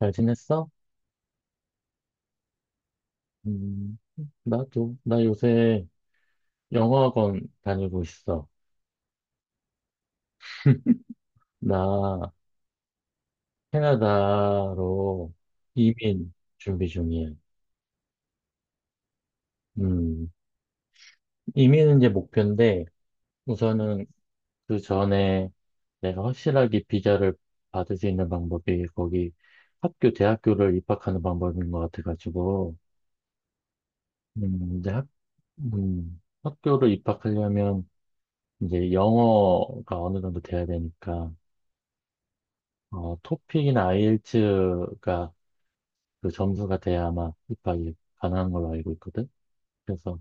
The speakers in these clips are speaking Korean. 잘 지냈어? 음, 나도, 나 요새 영어학원 다니고 있어. 나 캐나다로 이민 준비 중이야. 음, 이민은 이제 목표인데, 우선은 그 전에 내가 확실하게 비자를 받을 수 있는 방법이 거기 학교, 대학교를 입학하는 방법인 것 같아가지고, 이제 학교를 입학하려면 이제 영어가 어느 정도 돼야 되니까, 토픽이나 아이엘츠가 그 점수가 돼야 아마 입학이 가능한 걸로 알고 있거든. 그래서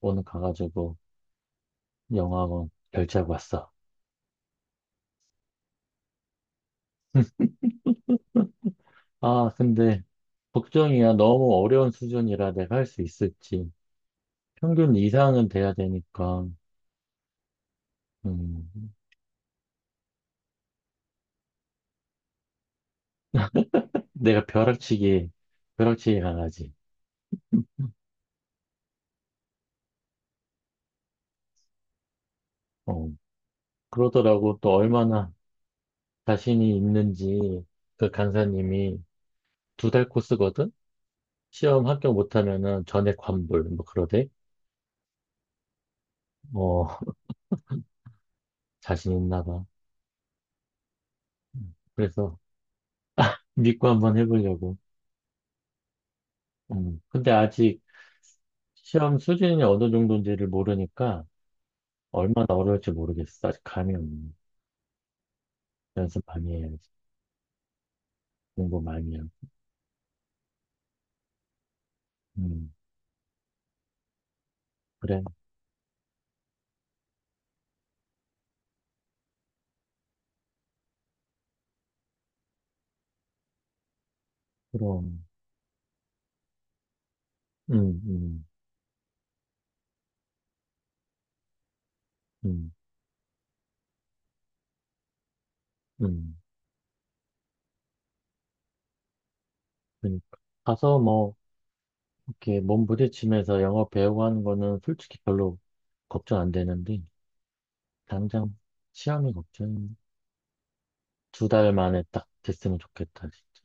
오늘 가가지고 영어학원 결제하고 왔어. 아, 근데 걱정이야. 너무 어려운 수준이라 내가 할 수 있을지. 평균 이상은 돼야 되니까, 음, 내가 벼락치기 강하지. 어, 그러더라고. 또 얼마나 자신이 있는지 그 강사님이 2달 코스거든? 시험 합격 못하면은 전액 환불, 뭐 그러대. 어, 자신 있나 봐. 그래서 믿고 한번 해보려고. 근데 아직 시험 수준이 어느 정도인지를 모르니까 얼마나 어려울지 모르겠어. 아직 감이 없네. 연습 많이 해야지. 공부 많이 해야지. 음, 그래. 그럼. 음, 음, 음, 음. 그러니까. 가서 뭐, 이렇게 몸 부딪히면서 영어 배우고 하는 거는 솔직히 별로 걱정 안 되는데, 당장 시험이 걱정. 2달 만에 딱 됐으면 좋겠다, 진짜.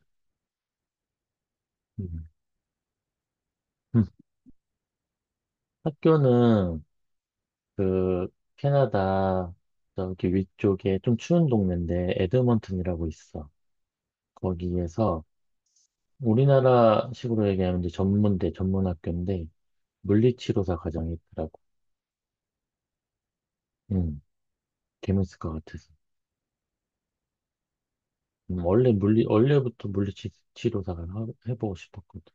음. 음. 학교는 그 캐나다 저기 위쪽에 좀 추운 동네인데 에드먼튼이라고 있어. 거기에서 우리나라식으로 얘기하면 이제 전문대, 전문학교인데 물리치료사 과정이 있더라고. 음, 재밌을 것 같아서. 원래부터 물리치료사가 해보고 싶었거든.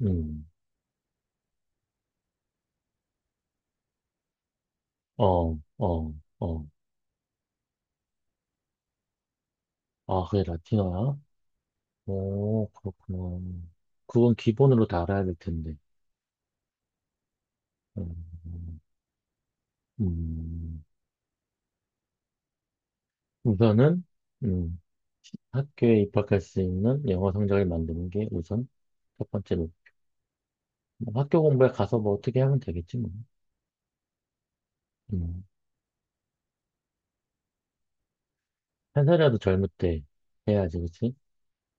음, 어, 어, 어. 아, 그게 라틴어야? 오, 그렇구나. 그건 기본으로 다 알아야 될 텐데. 음, 음. 우선은 음, 학교에 입학할 수 있는 영어 성적을 만드는 게 우선 첫 번째로 뭐 학교 공부에 가서 뭐 어떻게 하면 되겠지 뭐. 음, 한 살이라도 젊을 때 해야지 그치?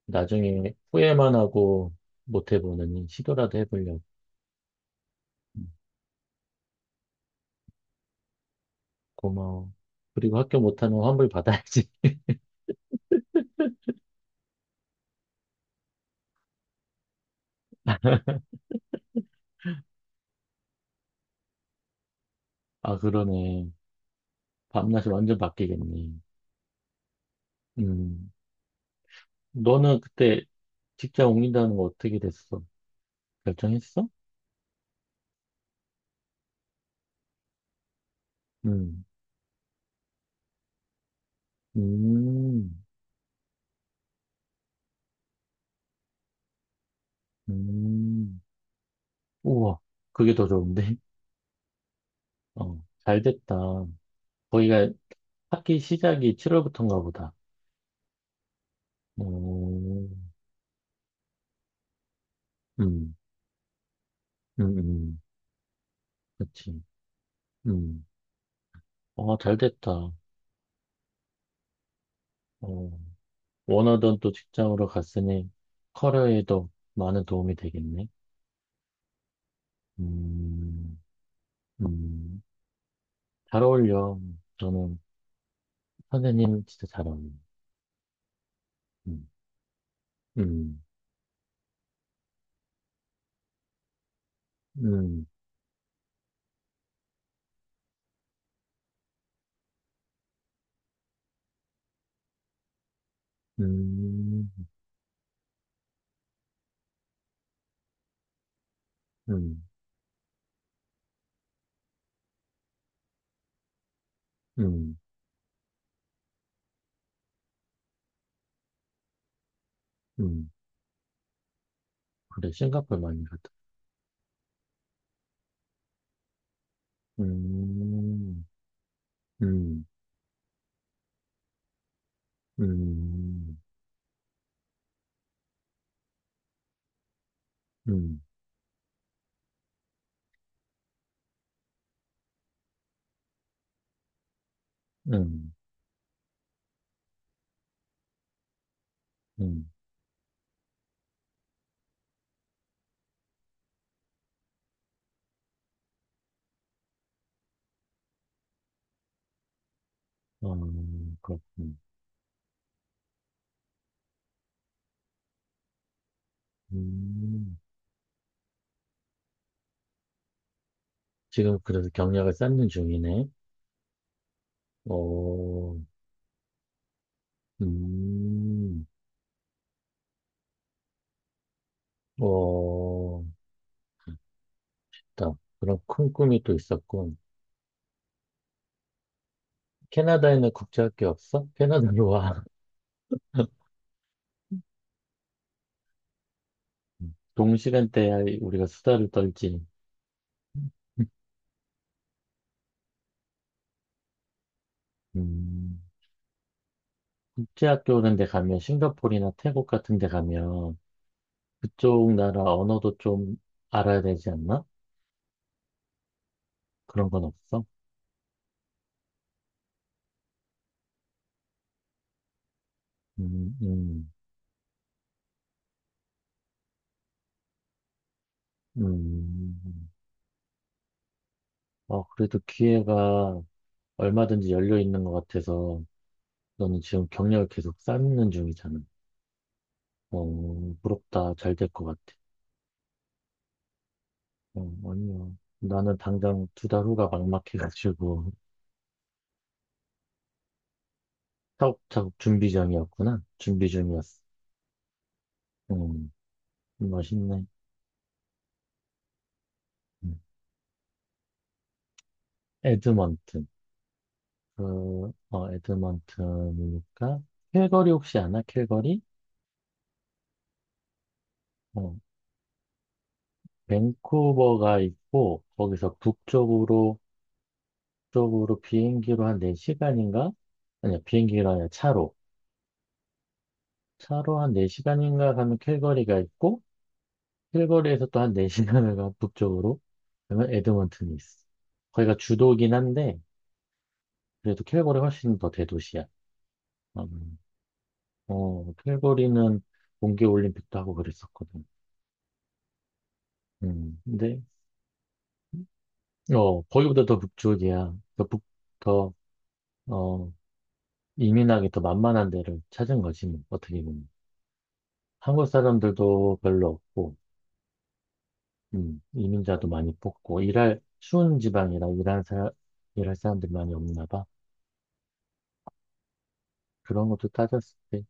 나중에 후회만 하고 못 해보느니 시도라도 해보려고. 음, 고마워. 그리고 학교 못하면 환불 받아야지. 아 그러네. 밤낮이 완전 바뀌겠네. 음, 너는 그때 직장 옮긴다는 거 어떻게 됐어? 결정했어? 음, 음, 음. 우와, 그게 더 좋은데? 어, 잘 됐다. 거기가 학기 시작이 7월부터인가 보다. 오, 음, 음, 음, 그치. 음, 어, 잘 됐다. 어, 원하던 또 직장으로 갔으니 커리어에도 많은 도움이 되겠네. 음, 음, 잘 어울려. 저는 선생님 진짜 잘 어울려. 음, 음, 음, 음, 음, 음, 음. 그래, 싱가포르 많이 갔다. 음. 음, 음, 음, 음, 음. 아 그렇군. 음, 지금 그래서 경력을 쌓는 중이네. 어, 음, 어, 딱 그런 큰 꿈이 또 있었군. 캐나다에는 국제학교 없어? 캐나다로 와. 동시간대에 우리가 수다를 떨지. 음, 국제학교 오런데 가면 싱가포르나 태국 같은 데 가면 그쪽 나라 언어도 좀 알아야 되지 않나? 그런 건 없어? 음, 음, 음. 어, 그래도 기회가 얼마든지 열려 있는 것 같아서 너는 지금 경력을 계속 쌓는 중이잖아. 어, 부럽다. 잘 될 것 같아. 어, 아니야. 나는 당장 2달 후가 막막해가지고 차곡차곡 준비 중이었구나. 준비 중이었어. 음, 멋있네. 음. 에드먼튼. 에드먼튼이니까 캘거리 혹시 아나? 캘거리? 어, 밴쿠버가 있고 거기서 북쪽으로 쪽으로 비행기로 한 4시간인가? 아니야 비행기가 아니라 차로 한 4시간인가 가면 캘거리가 있고 캘거리에서 또 한 4시간을 가 북쪽으로 그러면 에드먼튼이 있어. 거기가 주도긴 한데 그래도 캘거리 훨씬 더 대도시야. 음, 캘거리는 동계 올림픽도 하고 그랬었거든. 근데 거기보다 더 북쪽이야. 더 북, 더어 이민하기 더 만만한 데를 찾은 거지, 뭐, 어떻게 보면. 한국 사람들도 별로 없고, 이민자도 많이 뽑고, 일할, 추운 지방이라 일할 사람, 일할 사람들이 많이 없나 봐. 그런 것도 따졌을 때,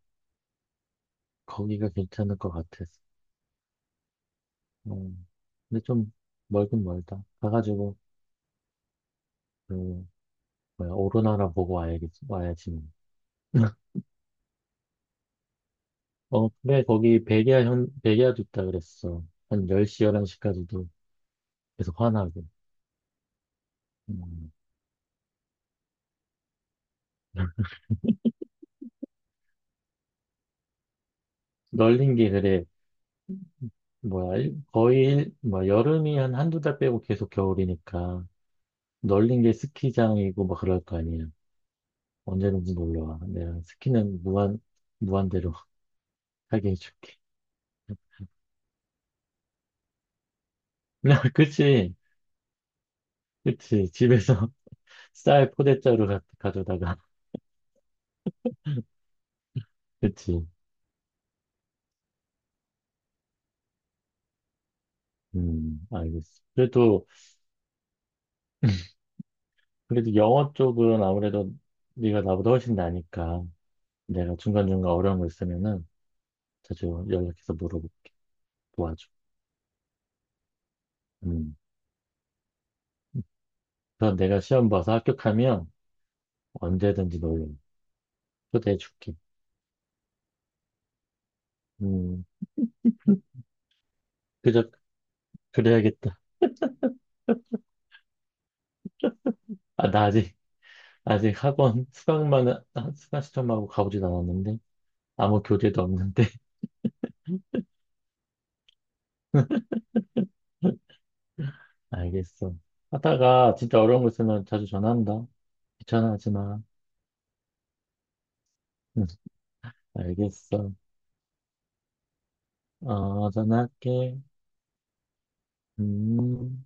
거기가 괜찮을 것 같았어. 음, 근데 좀 멀긴 멀다. 가가지고, 그, 뭐야, 오로나라 보고 와야겠지, 와야지. 뭐. 어, 그래, 거기 백야도 있다 그랬어. 한 10시, 11시까지도 계속 화나고. 음, 널린 게 그래. 뭐야, 거의, 뭐, 여름이 한 한두 달 빼고 계속 겨울이니까, 널린 게 스키장이고, 막 그럴 거 아니야. 언제든지 놀러 와. 내가 스키는 무한대로 하게 해줄게. 그치, 그치. 집에서 쌀 포대자루 가져다가, 그치. 알겠어. 그래도, 그래도 영어 쪽은 아무래도 네가 나보다 훨씬 나니까, 내가 중간중간 어려운 거 있으면은 자주 연락해서 물어보고 도와줘. 음. 그서 내가 시험 봐서 합격하면, 언제든지 놀러 초대해줄게. 음, 그저, 그래야겠다. 아, 나 아직 학원 수강만, 수강 시점하고 가보진 않았는데, 아무 교재도 없는데. 알겠어. 하다가 진짜 어려운 거 있으면 자주 전화한다. 귀찮아하지 마. 응, 알겠어. 어, 전화할게. 음.